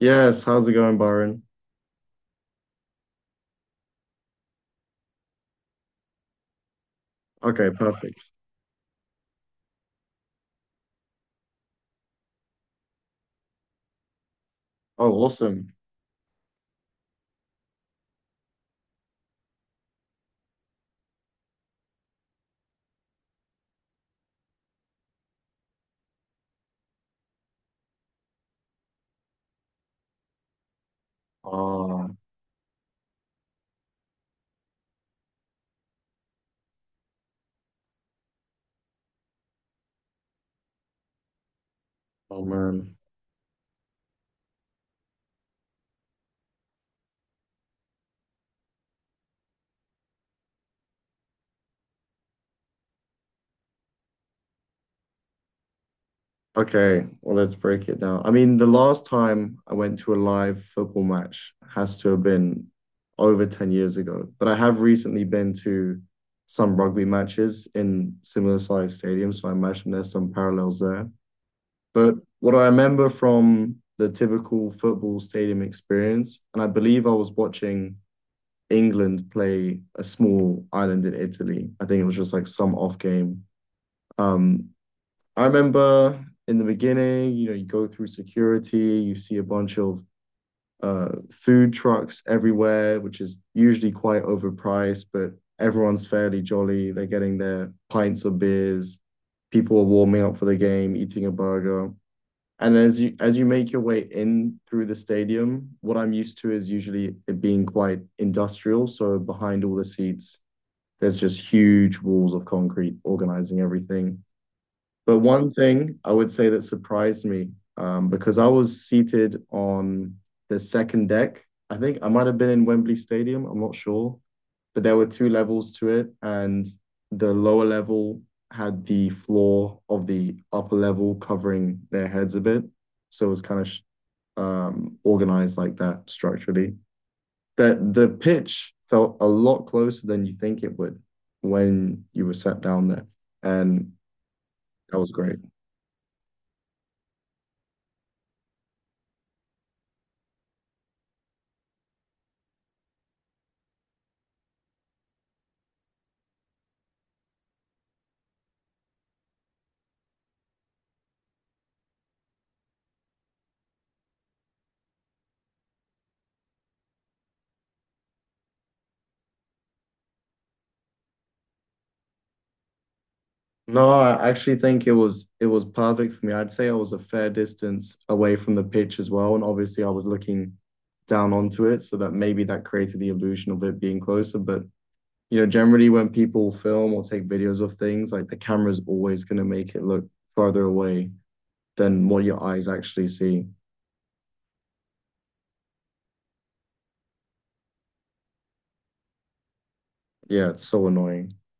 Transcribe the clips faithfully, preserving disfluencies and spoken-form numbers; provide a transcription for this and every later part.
Yes, how's it going, Byron? Okay, perfect. Oh, awesome. Oh, oh man. Okay, well, let's break it down. I mean, the last time I went to a live football match has to have been over ten years ago, but I have recently been to some rugby matches in similar sized stadiums, so I imagine there's some parallels there. But what I remember from the typical football stadium experience, and I believe I was watching. England play a small island in Italy. I think it was just like some off game. Um, I remember in the beginning, you know, you go through security, you see a bunch of uh, food trucks everywhere, which is usually quite overpriced, but everyone's fairly jolly. They're getting their pints of beers. People are warming up for the game, eating a burger. And as you as you make your way in through the stadium, what I'm used to is usually it being quite industrial. So behind all the seats, there's just huge walls of concrete organizing everything. But one thing I would say that surprised me, um, because I was seated on the second deck. I think I might have been in Wembley Stadium. I'm not sure, but there were two levels to it, and the lower level had the floor of the upper level covering their heads a bit. So it was kind of um, organized like that structurally. That the pitch felt a lot closer than you think it would when you were sat down there, and that was great. No, I actually think it was it was perfect for me. I'd say I was a fair distance away from the pitch as well, and obviously I was looking down onto it, so that maybe that created the illusion of it being closer. But you know, generally when people film or take videos of things, like the camera's always going to make it look farther away than what your eyes actually see. Yeah, it's so annoying.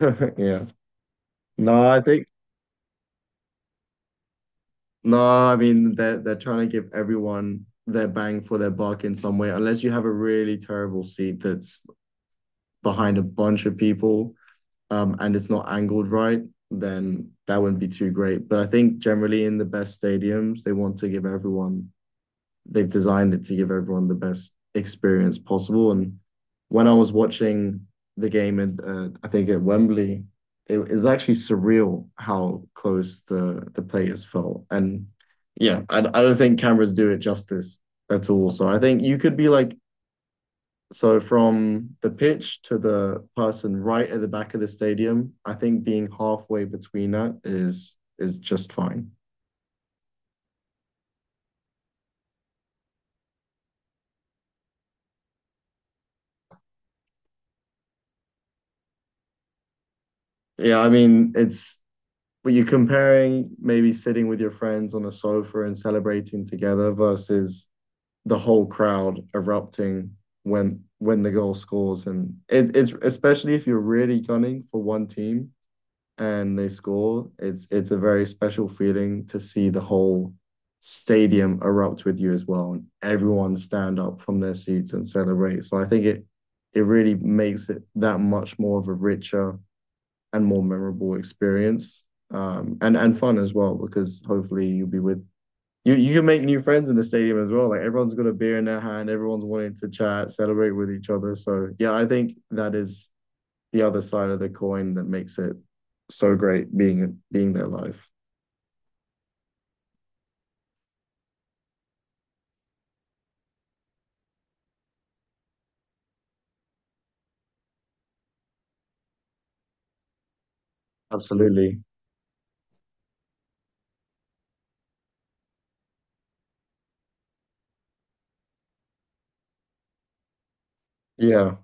Yeah. No, I think no, I mean they're they're trying to give everyone their bang for their buck in some way, unless you have a really terrible seat that's behind a bunch of people um, and it's not angled right, then that wouldn't be too great. But I think generally in the best stadiums, they want to give everyone, they've designed it to give everyone the best experience possible. And when I was watching the game, in, uh, I think at Wembley, it, it was actually surreal how close the, the players felt. And yeah, I, I don't think cameras do it justice at all. So I think you could be like so from the pitch to the person right at the back of the stadium, I think being halfway between that is is just fine. Yeah, I mean it's but you're comparing maybe sitting with your friends on a sofa and celebrating together versus the whole crowd erupting when when the goal scores and it, it's especially if you're really gunning for one team and they score, it's it's a very special feeling to see the whole stadium erupt with you as well, and everyone stand up from their seats and celebrate. So I think it it really makes it that much more of a richer and more memorable experience, um, and and fun as well because hopefully you'll be with. You, you can make new friends in the stadium as well. Like everyone's got a beer in their hand, everyone's wanting to chat, celebrate with each other. So yeah, I think that is the other side of the coin that makes it so great being being their life. Absolutely. Yeah.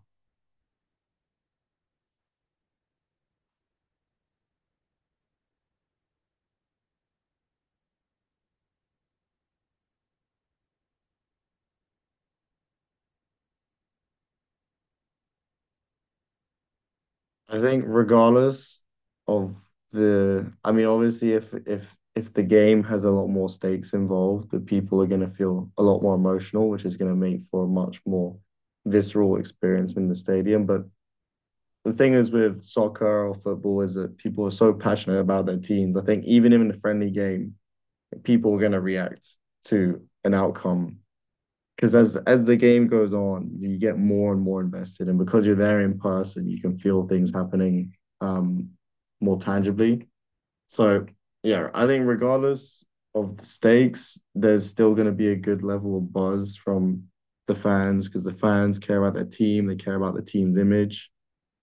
I think regardless of the I mean obviously if if if the game has a lot more stakes involved, the people are going to feel a lot more emotional, which is going to make for a much more visceral experience in the stadium. But the thing is with soccer or football is that people are so passionate about their teams. I think even in a friendly game, people are going to react to an outcome because as as the game goes on, you get more and more invested, and because you're there in person, you can feel things happening um more tangibly. So yeah, I think regardless of the stakes, there's still going to be a good level of buzz from the fans because the fans care about their team, they care about the team's image.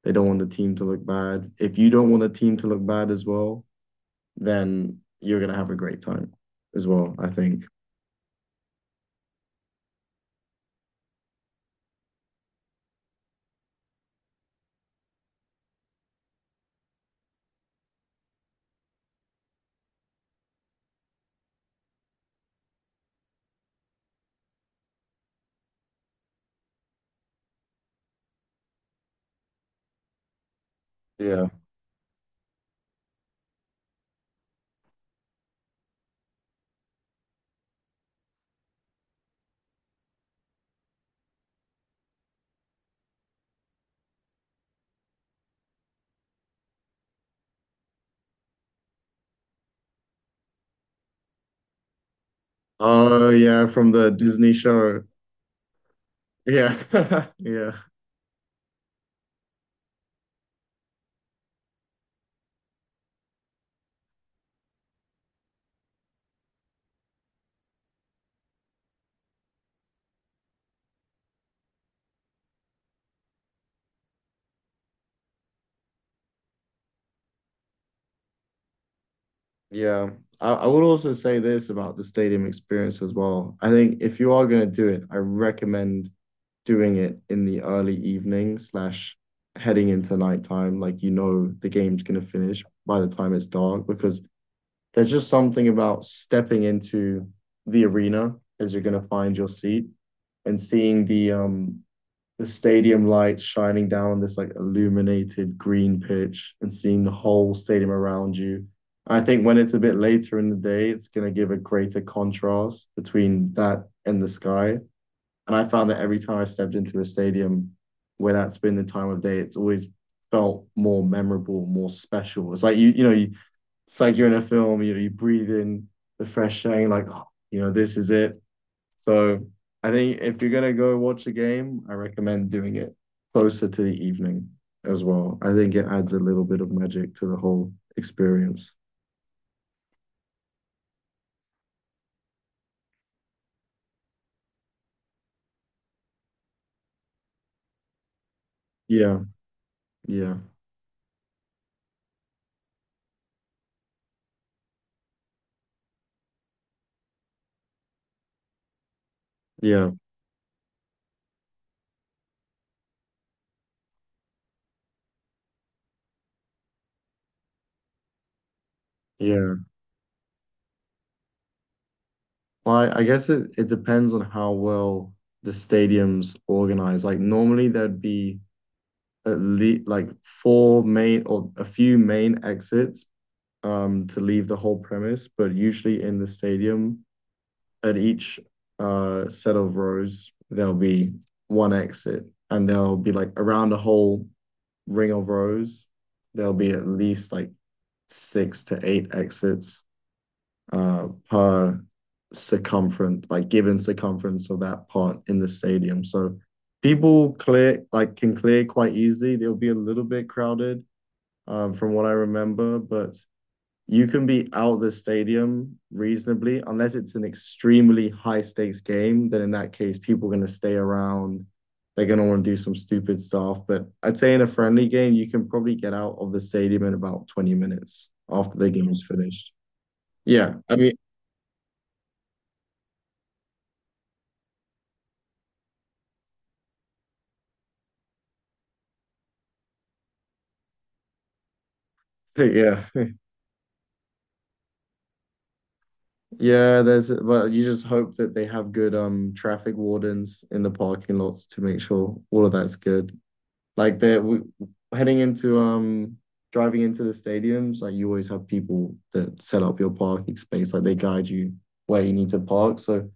They don't want the team to look bad. If you don't want the team to look bad as well, then you're going to have a great time as well, I think. Yeah. Oh, yeah, from the Disney show. Yeah. Yeah. Yeah. I, I would also say this about the stadium experience as well. I think if you are going to do it, I recommend doing it in the early evening slash heading into nighttime. Like, you know, the game's going to finish by the time it's dark because there's just something about stepping into the arena as you're going to find your seat and seeing the um the stadium lights shining down on this like illuminated green pitch and seeing the whole stadium around you. I think when it's a bit later in the day, it's going to give a greater contrast between that and the sky. And I found that every time I stepped into a stadium where that's been the time of day, it's always felt more memorable, more special. It's like you, you know, you, it's like you're in a film. You know, you breathe in the fresh air, and like, oh, you know, this is it. So I think if you're gonna go watch a game, I recommend doing it closer to the evening as well. I think it adds a little bit of magic to the whole experience. Yeah, yeah, yeah, yeah. Well, I, I guess it, it depends on how well the stadium's organized. Like normally there'd be at least like four main or a few main exits um to leave the whole premise, but usually in the stadium at each uh, set of rows, there'll be one exit, and there'll be like around the whole ring of rows, there'll be at least like six to eight exits uh, per circumference, like given circumference of that part in the stadium. So people clear like can clear quite easily. They'll be a little bit crowded um, from what I remember, but you can be out of the stadium reasonably, unless it's an extremely high stakes game. Then in that case, people are going to stay around. They're going to want to do some stupid stuff. But I'd say in a friendly game, you can probably get out of the stadium in about twenty minutes after the game is finished. Yeah. I mean, yeah. Yeah, there's but you just hope that they have good um traffic wardens in the parking lots to make sure all of that's good. Like that we heading into um driving into the stadiums, like you always have people that set up your parking space, like they guide you where you need to park. So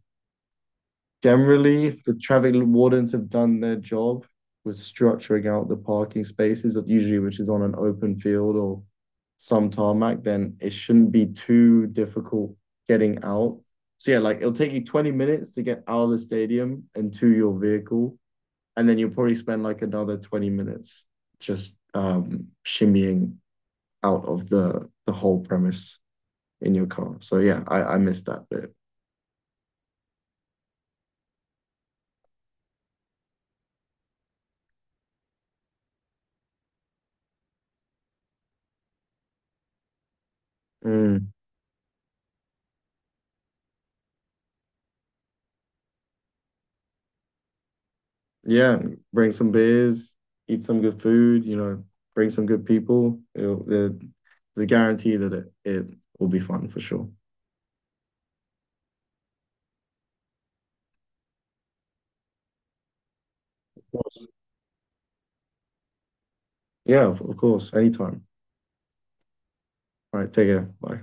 generally, if the traffic wardens have done their job with structuring out the parking spaces, usually which is on an open field or some tarmac, then it shouldn't be too difficult getting out. So yeah, like it'll take you twenty minutes to get out of the stadium and to your vehicle and then you will probably spend like another twenty minutes just um, shimmying out of the the whole premise in your car. So yeah, I I missed that bit. Mm. Yeah, bring some beers, eat some good food. You know, bring some good people. It'll, there's a guarantee that it it will be fun for sure. Of course. Yeah, of, of course. Anytime. All right, take care. Bye.